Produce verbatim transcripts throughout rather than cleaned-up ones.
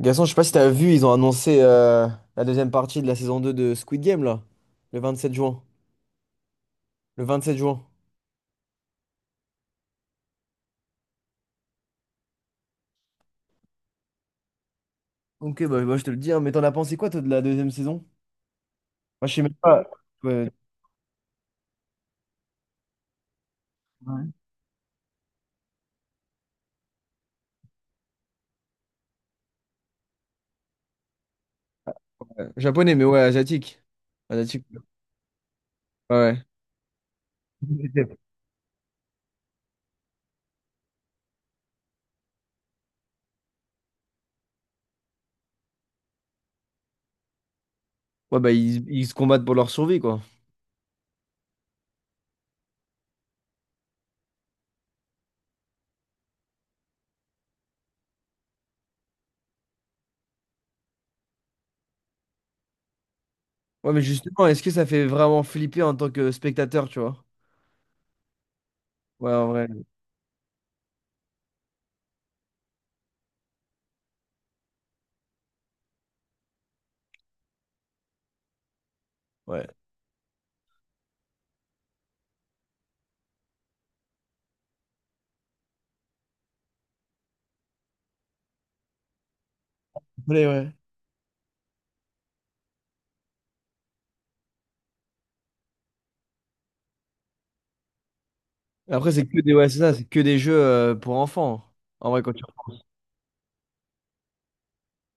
Gaston, je sais pas si t'as vu, ils ont annoncé euh, la deuxième partie de la saison deux de Squid Game, là. Le vingt-sept juin. Le vingt-sept juin. Ok, bah, bah, je te le dis, hein, mais t'en as pensé quoi, toi, de la deuxième saison? Moi, je sais même pas. Ouais, euh, japonais, mais ouais, asiatique. Asiatique. Ouais. Ouais, ouais, bah, ils, ils se combattent pour leur survie, quoi. Ouais, mais justement, est-ce que ça fait vraiment flipper en tant que spectateur, tu vois? Ouais, en vrai. Ouais. Ouais, ouais. Après, c'est que des, ouais, c'est ça, c'est que des jeux euh, pour enfants. En vrai, quand tu...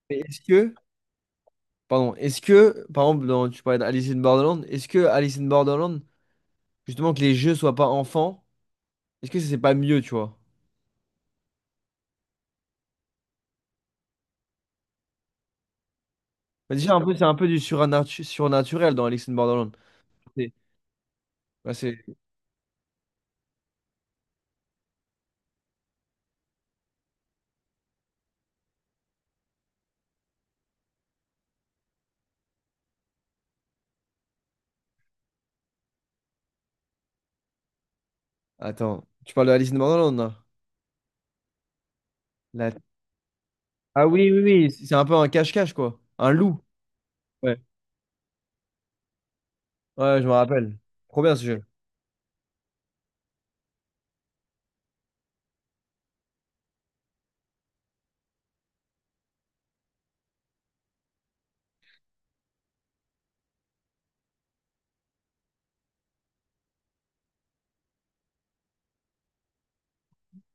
Mais est-ce que... Pardon, est-ce que, par exemple, dans, tu parlais d'Alice in Borderland, est-ce que Alice in Borderland, justement, que les jeux soient pas enfants, est-ce que c'est pas mieux, tu vois? Bah, déjà, un peu, c'est un peu du suranatu- surnaturel dans Alice in Borderland. C'est, bah, c'est- attends, tu parles de Alice in Borderland, là? La- Ah oui, oui, oui, c'est un peu un cache-cache, quoi. Un loup. Ouais, ouais, je me rappelle. Trop bien ce jeu.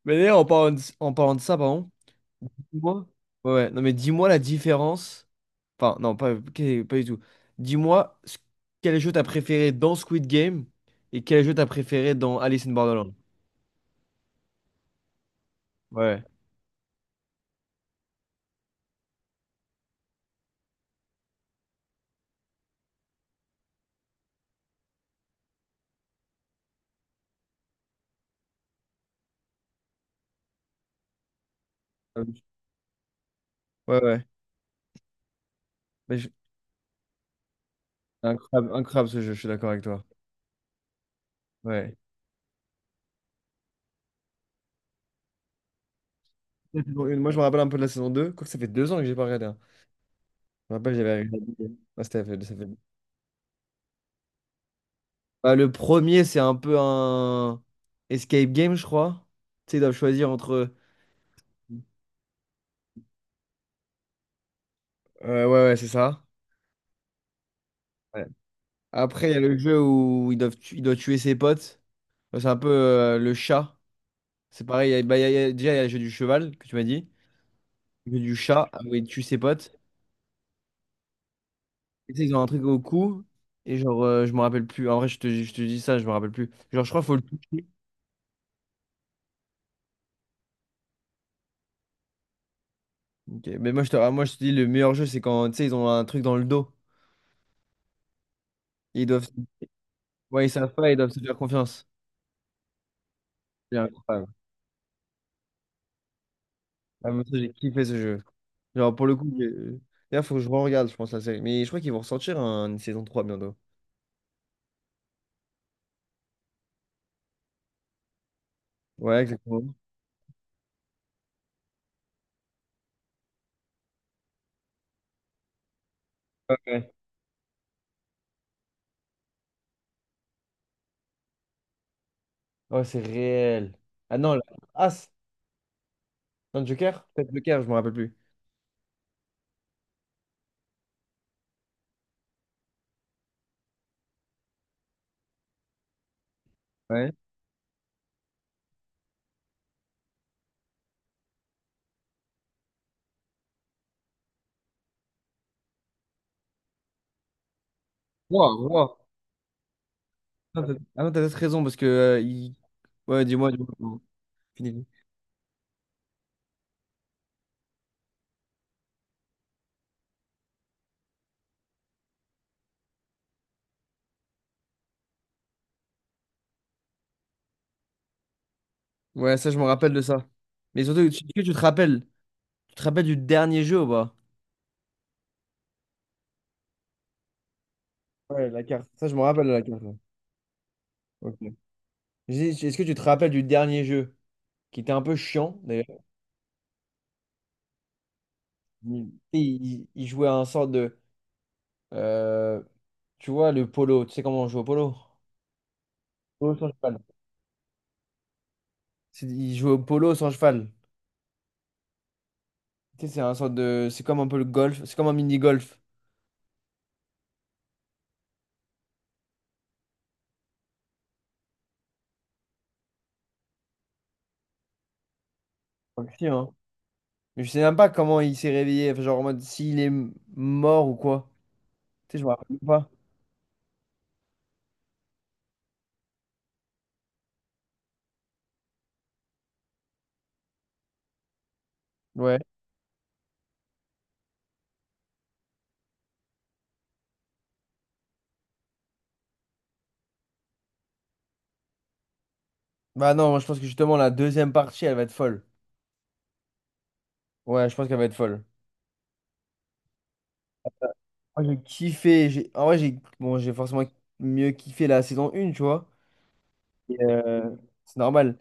Mais d'ailleurs, en parlant de, en parlant de ça, pardon. Dis-moi. Ouais, ouais. Non mais dis-moi la différence. Enfin, non, pas, que- pas du tout. Dis-moi ce- quel jeu t'as préféré dans Squid Game et quel jeu t'as préféré dans Alice in Borderland. Ouais. Euh, ouais, ouais. Mais je- incroyable, incroyable ce jeu, je suis d'accord avec toi. Ouais. La saison une, moi, je me rappelle un peu de la saison deux, quoique ça fait deux ans que j'ai pas regardé, hein. Je me rappelle, j'avais regardé. Ouais, c'était- ça fait- bah, le premier, c'est un peu un escape game, je crois. Tu sais, ils doivent choisir entre. Euh, ouais, ouais, c'est ça. Après, il y a le jeu où il doit, il doit tuer ses potes. Enfin, c'est un peu euh, le chat. C'est pareil, il y a- bah, il y a- il y a- déjà, il y a le jeu du cheval que tu m'as dit. Le jeu du chat où il tue ses potes. Et tu sais, ils ont un truc au cou. Et genre, euh, je me rappelle plus. En vrai, je te, je te dis ça, je me rappelle plus. Genre, je crois qu'il faut le toucher. Ok. Mais moi je, te, ah, moi, je te dis, le meilleur jeu, c'est quand, tu sais, ils ont un truc dans le dos. Et ils doivent, ouais, ils savent pas, ils doivent se faire confiance. C'est incroyable. Ah, mais ça, j'ai kiffé ce jeu. Genre, pour le coup, j'ai- d'ailleurs, faut que je re-regarde, je pense, la série. Mais je crois qu'ils vont ressortir un- une saison trois bientôt. Ouais, exactement. Ouais, ouais. Oh, c'est réel. Ah non, là. As. Non, Joker? Peut-être Joker, je me rappelle plus. Ouais. Roi, roi. Ah t'as ah non, t'as peut-être raison parce que. euh, il- Ouais, dis-moi, dis-moi. Fini. Ouais, ça, je me rappelle de ça. Mais surtout, tu, que tu te rappelles? Tu te rappelles du dernier jeu ou pas? Ouais, la carte. Ça, je me rappelle de la carte, ouais. Ok. J'ai dit, est-ce que tu te rappelles du dernier jeu qui était un peu chiant d'ailleurs? Il, il- il jouait à un sort de. euh, Tu vois, le polo. Tu sais comment on joue au polo? Polo sans cheval. C'est- Il joue au polo sans cheval. Tu sais, c'est un sorte de. C'est comme un peu le golf. C'est comme un mini-golf. Pas que si, hein. Mais je sais même pas comment il s'est réveillé. Enfin, genre en mode s'il est m- mort ou quoi. Tu sais, je me rappelle pas. Ouais. Bah non, moi je pense que justement la deuxième partie, elle va être folle. Ouais, je pense qu'elle va être folle. Moi j'ai kiffé. j'ai- En vrai, j'ai bon, j'ai forcément mieux kiffé la saison un, tu vois. Et, euh, c'est normal.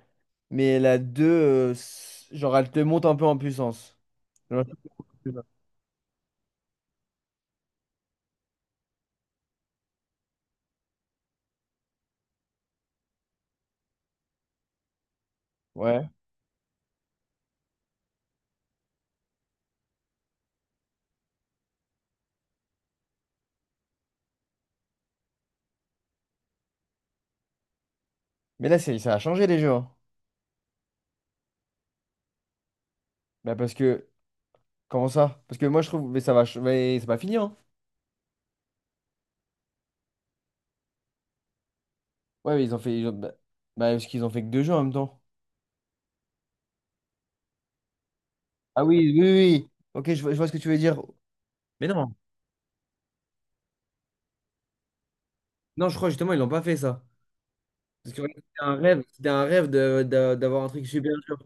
Mais la deux euh, c- genre elle te monte un peu en puissance. Genre, ouais. Mais là, c'est- ça a changé les jeux, hein. Bah, parce que comment ça? Parce que moi je trouve. Mais ça va. ch- Mais c'est pas fini, hein? Ouais, mais ils ont fait. ils ont- Bah, bah, parce qu'ils ont fait que deux jeux en même temps. Ah oui, oui, oui. oui. Ok, je vois, je vois ce que tu veux dire. Mais non. Non, je crois justement, ils l'ont pas fait ça. Parce que c'était un rêve, c'était un rêve de, de- d'avoir un truc super dur.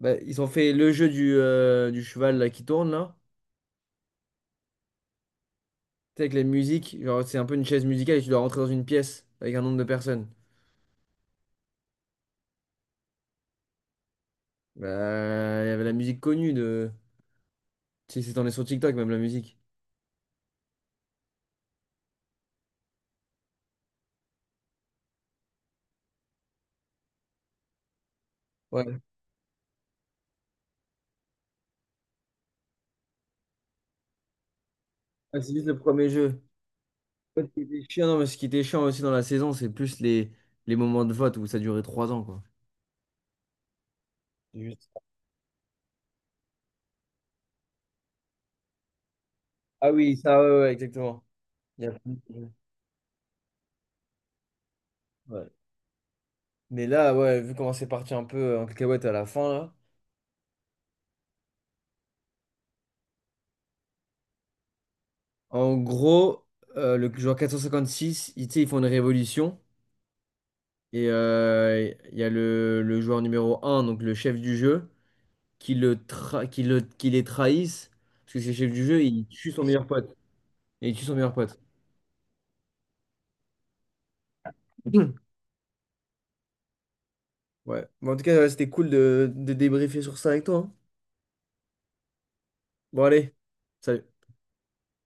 Bah, ils ont fait le jeu du, euh, du cheval là, qui tourne là. Tu sais, avec les musiques. Genre, c'est un peu une chaise musicale et tu dois rentrer dans une pièce avec un nombre de personnes. Bah, il y avait la musique connue de. Tu sais, c'est en est sur TikTok même la musique. Ouais. Ah, c'est juste le premier jeu. Ouais, ce qui était chiant, non, mais ce qui était chiant aussi dans la saison, c'est plus les, les moments de vote où ça durait trois ans, quoi. C'est juste- Ah oui, ça, ouais, ouais, exactement. Il y a plus ouais. Mais là, ouais, vu comment c'est parti un peu euh, en cacahuète à la fin, là. En gros, euh, le joueur quatre cent cinquante-six, ils, tu sais, ils font une révolution. Et euh, il y a le, le joueur numéro un, donc le chef du jeu, qui, le tra- qui, le, qui les trahisse. Parce que c'est le chef du jeu, il tue son meilleur pote. Et il tue son meilleur pote. Ouais. Mais en tout cas, ouais, c'était cool de, de débriefer sur ça avec toi, hein. Bon, allez. Salut.